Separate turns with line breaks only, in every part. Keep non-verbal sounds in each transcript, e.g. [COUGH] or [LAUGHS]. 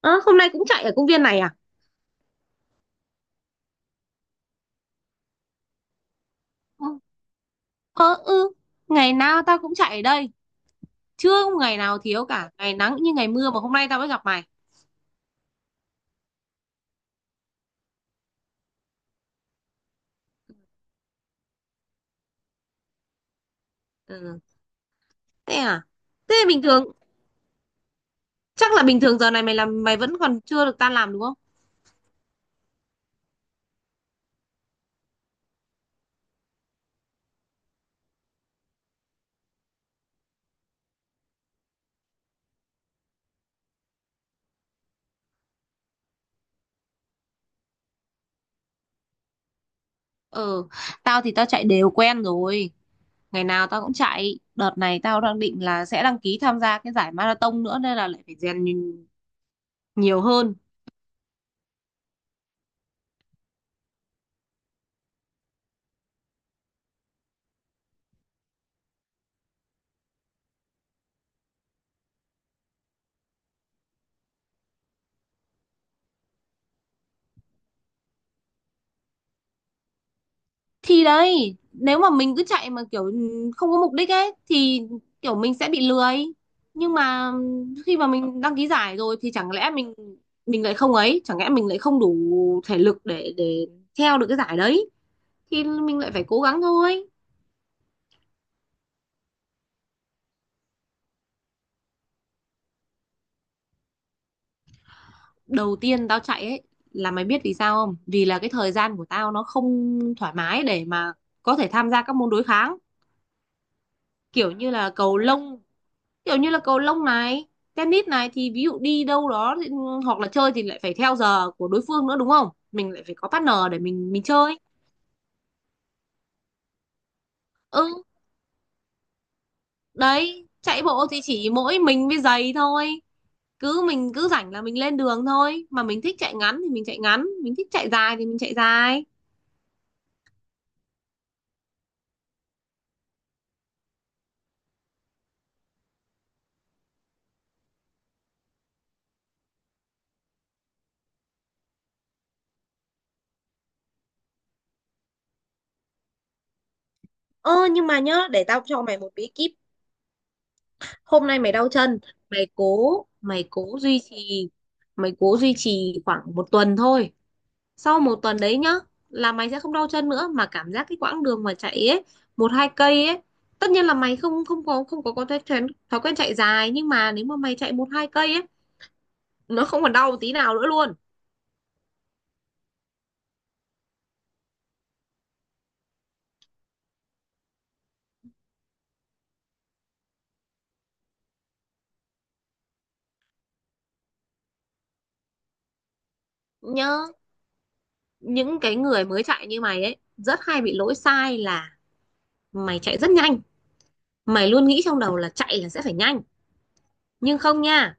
Ơ, hôm nay cũng chạy ở công viên này à? Ờ, ờ, ừ, ngày nào tao cũng chạy ở đây, chưa có ngày nào thiếu cả, ngày nắng như ngày mưa mà hôm nay tao mới gặp mày. Ừ, thế à? Thế bình thường, chắc là bình thường giờ này mày làm mày vẫn còn chưa được tan làm đúng không? Ừ, tao thì tao chạy đều quen rồi, ngày nào tao cũng chạy. Đợt này tao đang định là sẽ đăng ký tham gia cái giải marathon nữa nên là lại phải rèn nhiều hơn. Thì đấy, nếu mà mình cứ chạy mà kiểu không có mục đích ấy thì kiểu mình sẽ bị lười, nhưng mà khi mà mình đăng ký giải rồi thì chẳng lẽ mình lại không ấy, chẳng lẽ mình lại không đủ thể lực để theo được cái giải đấy thì mình lại phải cố gắng thôi. Đầu tiên tao chạy ấy, là mày biết vì sao không, vì là cái thời gian của tao nó không thoải mái để mà có thể tham gia các môn đối kháng, kiểu như là cầu lông kiểu như là cầu lông này, tennis này, thì ví dụ đi đâu đó ừ, hoặc là chơi thì lại phải theo giờ của đối phương nữa đúng không, mình lại phải có partner để mình chơi. Ừ đấy, chạy bộ thì chỉ mỗi mình với giày thôi, cứ mình cứ rảnh là mình lên đường thôi, mà mình thích chạy ngắn thì mình chạy ngắn, mình thích chạy dài thì mình chạy dài. Ơ nhưng mà nhớ, để tao cho mày một bí kíp. Hôm nay mày đau chân, mày cố mày cố duy trì mày cố duy trì khoảng một tuần thôi. Sau một tuần đấy nhá, là mày sẽ không đau chân nữa, mà cảm giác cái quãng đường mà chạy ấy, 1-2 cây ấy, tất nhiên là mày không không có thói quen chạy dài, nhưng mà nếu mà mày chạy 1-2 cây ấy, nó không còn đau tí nào nữa luôn. Nhớ, những cái người mới chạy như mày ấy rất hay bị lỗi sai là mày chạy rất nhanh, mày luôn nghĩ trong đầu là chạy là sẽ phải nhanh, nhưng không nha,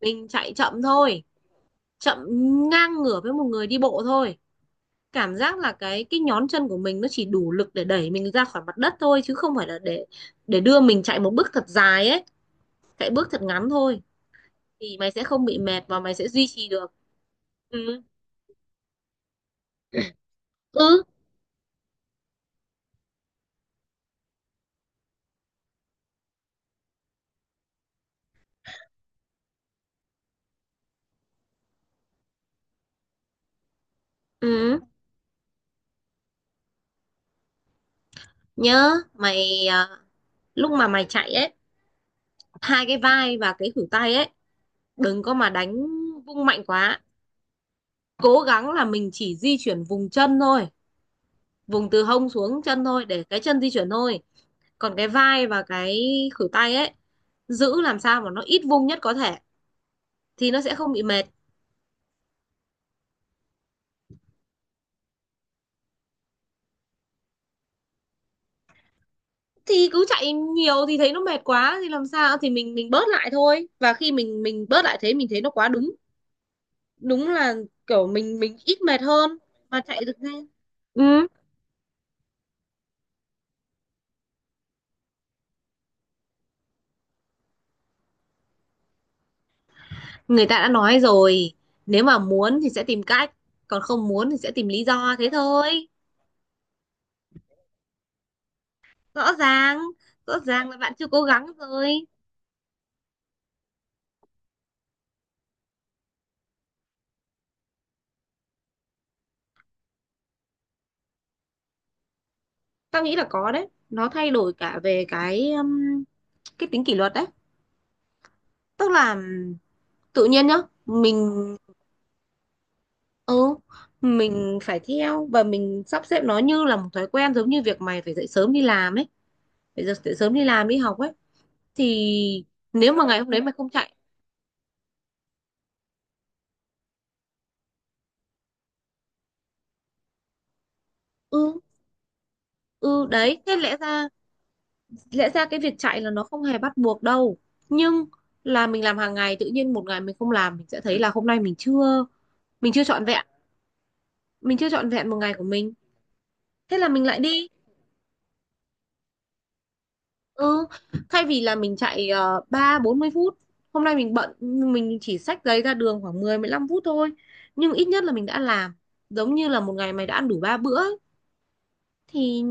mình chạy chậm thôi, chậm ngang ngửa với một người đi bộ thôi. Cảm giác là cái nhón chân của mình nó chỉ đủ lực để đẩy mình ra khỏi mặt đất thôi, chứ không phải là để đưa mình chạy một bước thật dài ấy, chạy bước thật ngắn thôi, thì mày sẽ không bị mệt và mày sẽ duy trì được. Ừ, ừ, ừ, nhớ mày à, lúc mà mày chạy ấy, hai cái vai và cái khuỷu tay ấy, đừng có mà đánh vung mạnh quá, cố gắng là mình chỉ di chuyển vùng chân thôi, vùng từ hông xuống chân thôi, để cái chân di chuyển thôi. Còn cái vai và cái khuỷu tay ấy, giữ làm sao mà nó ít vung nhất có thể, thì nó sẽ không bị mệt. Thì cứ chạy nhiều thì thấy nó mệt quá thì làm sao, thì mình bớt lại thôi, và khi mình bớt lại thế, mình thấy nó quá đúng đúng là kiểu mình ít mệt hơn mà chạy được nhanh. Ừ, người ta đã nói rồi, nếu mà muốn thì sẽ tìm cách, còn không muốn thì sẽ tìm lý do, thế thôi. Rõ ràng rõ ràng là bạn chưa cố gắng rồi. Tao nghĩ là có đấy, nó thay đổi cả về cái tính kỷ luật đấy. Tức là tự nhiên nhá, mình ừ mình phải theo và mình sắp xếp nó như là một thói quen, giống như việc mày phải dậy sớm đi làm ấy, phải dậy dậy sớm đi làm đi học ấy, thì nếu mà ngày hôm đấy mày không chạy, ừ, ừ đấy, thế lẽ ra cái việc chạy là nó không hề bắt buộc đâu, nhưng là mình làm hàng ngày, tự nhiên một ngày mình không làm mình sẽ thấy là hôm nay mình chưa trọn vẹn mình chưa trọn vẹn một ngày của mình. Thế là mình lại đi. Ừ, thay vì là mình chạy 30-40 phút, hôm nay mình bận nhưng mình chỉ xách giấy ra đường khoảng 10-15 phút thôi. Nhưng ít nhất là mình đã làm, giống như là một ngày mày đã ăn đủ 3 bữa ấy, thì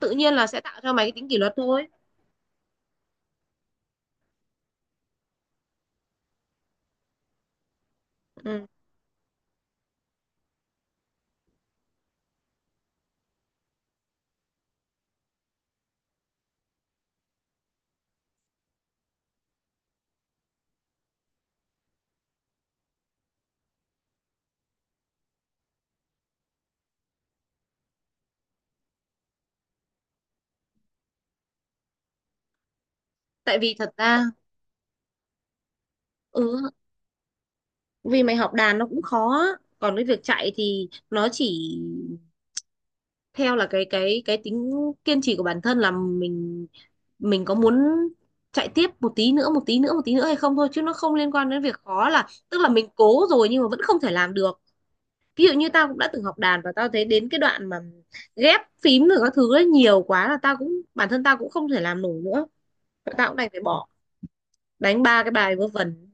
tự nhiên là sẽ tạo cho mày cái tính kỷ luật thôi. Ừ. Tại vì thật ra ừ, vì mày học đàn nó cũng khó á. Còn cái việc chạy thì nó chỉ theo là cái tính kiên trì của bản thân, là mình có muốn chạy tiếp một tí nữa, một tí nữa, một tí nữa hay không thôi, chứ nó không liên quan đến việc khó, là tức là mình cố rồi nhưng mà vẫn không thể làm được. Ví dụ như tao cũng đã từng học đàn và tao thấy đến cái đoạn mà ghép phím rồi các thứ ấy nhiều quá, là tao cũng, bản thân tao cũng không thể làm nổi nữa, tao cũng đành phải bỏ, đánh ba cái bài vớ vẩn.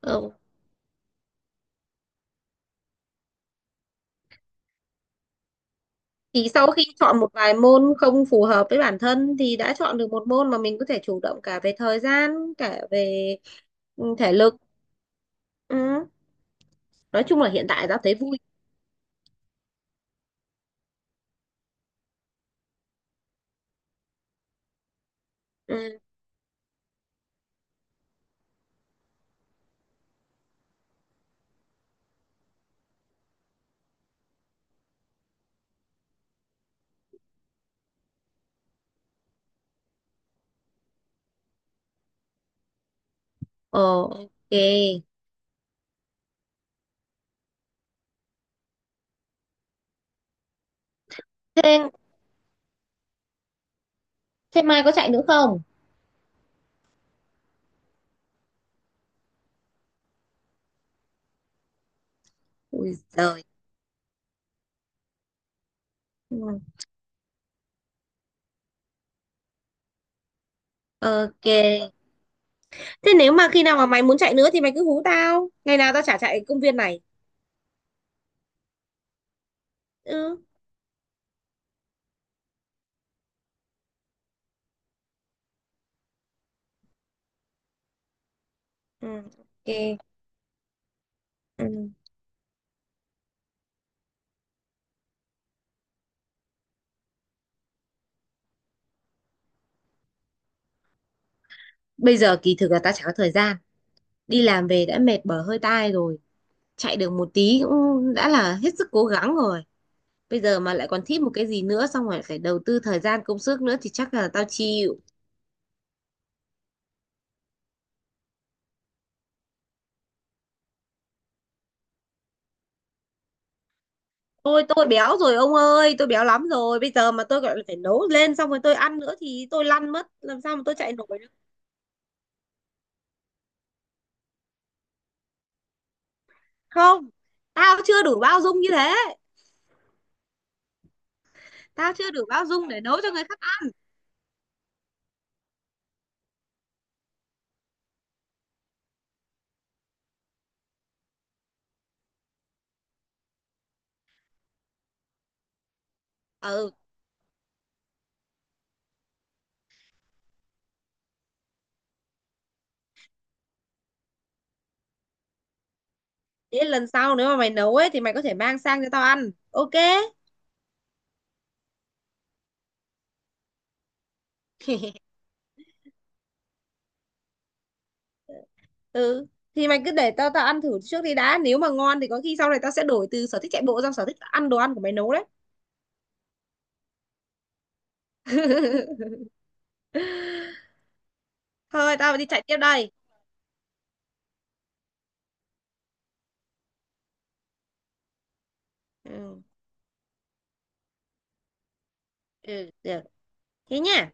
Ừ. Thì sau khi chọn một vài môn không phù hợp với bản thân thì đã chọn được một môn mà mình có thể chủ động cả về thời gian, cả về thể lực. Ừ. Nói chung là hiện tại tao thấy vui. Ừ. Ờ, ok. Thế, thế mai có chạy nữa không? Ui giời. Ừ, ok. Thế nếu mà khi nào mà mày muốn chạy nữa thì mày cứ hú tao. Ngày nào tao chả chạy công viên này. Ừ. Ừ. Ok. Ừ. Bây giờ kỳ thực là tao chả có thời gian. Đi làm về đã mệt bở hơi tai rồi. Chạy được một tí cũng đã là hết sức cố gắng rồi. Bây giờ mà lại còn thích một cái gì nữa, xong rồi phải đầu tư thời gian công sức nữa, thì chắc là tao chịu. Tôi béo rồi ông ơi, tôi béo lắm rồi, bây giờ mà tôi gọi là phải nấu lên xong rồi tôi ăn nữa thì tôi lăn mất, làm sao mà tôi chạy nổi được. Không, tao chưa đủ bao dung như thế, tao chưa đủ bao dung để nấu cho người khác ăn. Ừ, thế lần sau nếu mà mày nấu ấy thì mày có thể mang sang cho tao ăn, ok. [LAUGHS] Ừ thì mày cứ để tao tao ăn thử trước đi đã, nếu mà ngon thì có khi sau này tao sẽ đổi từ sở thích chạy bộ sang sở thích ăn đồ ăn của mày nấu đấy. [LAUGHS] Thôi tao đi chạy tiếp đây. Ừ, ừ được, thế nhá.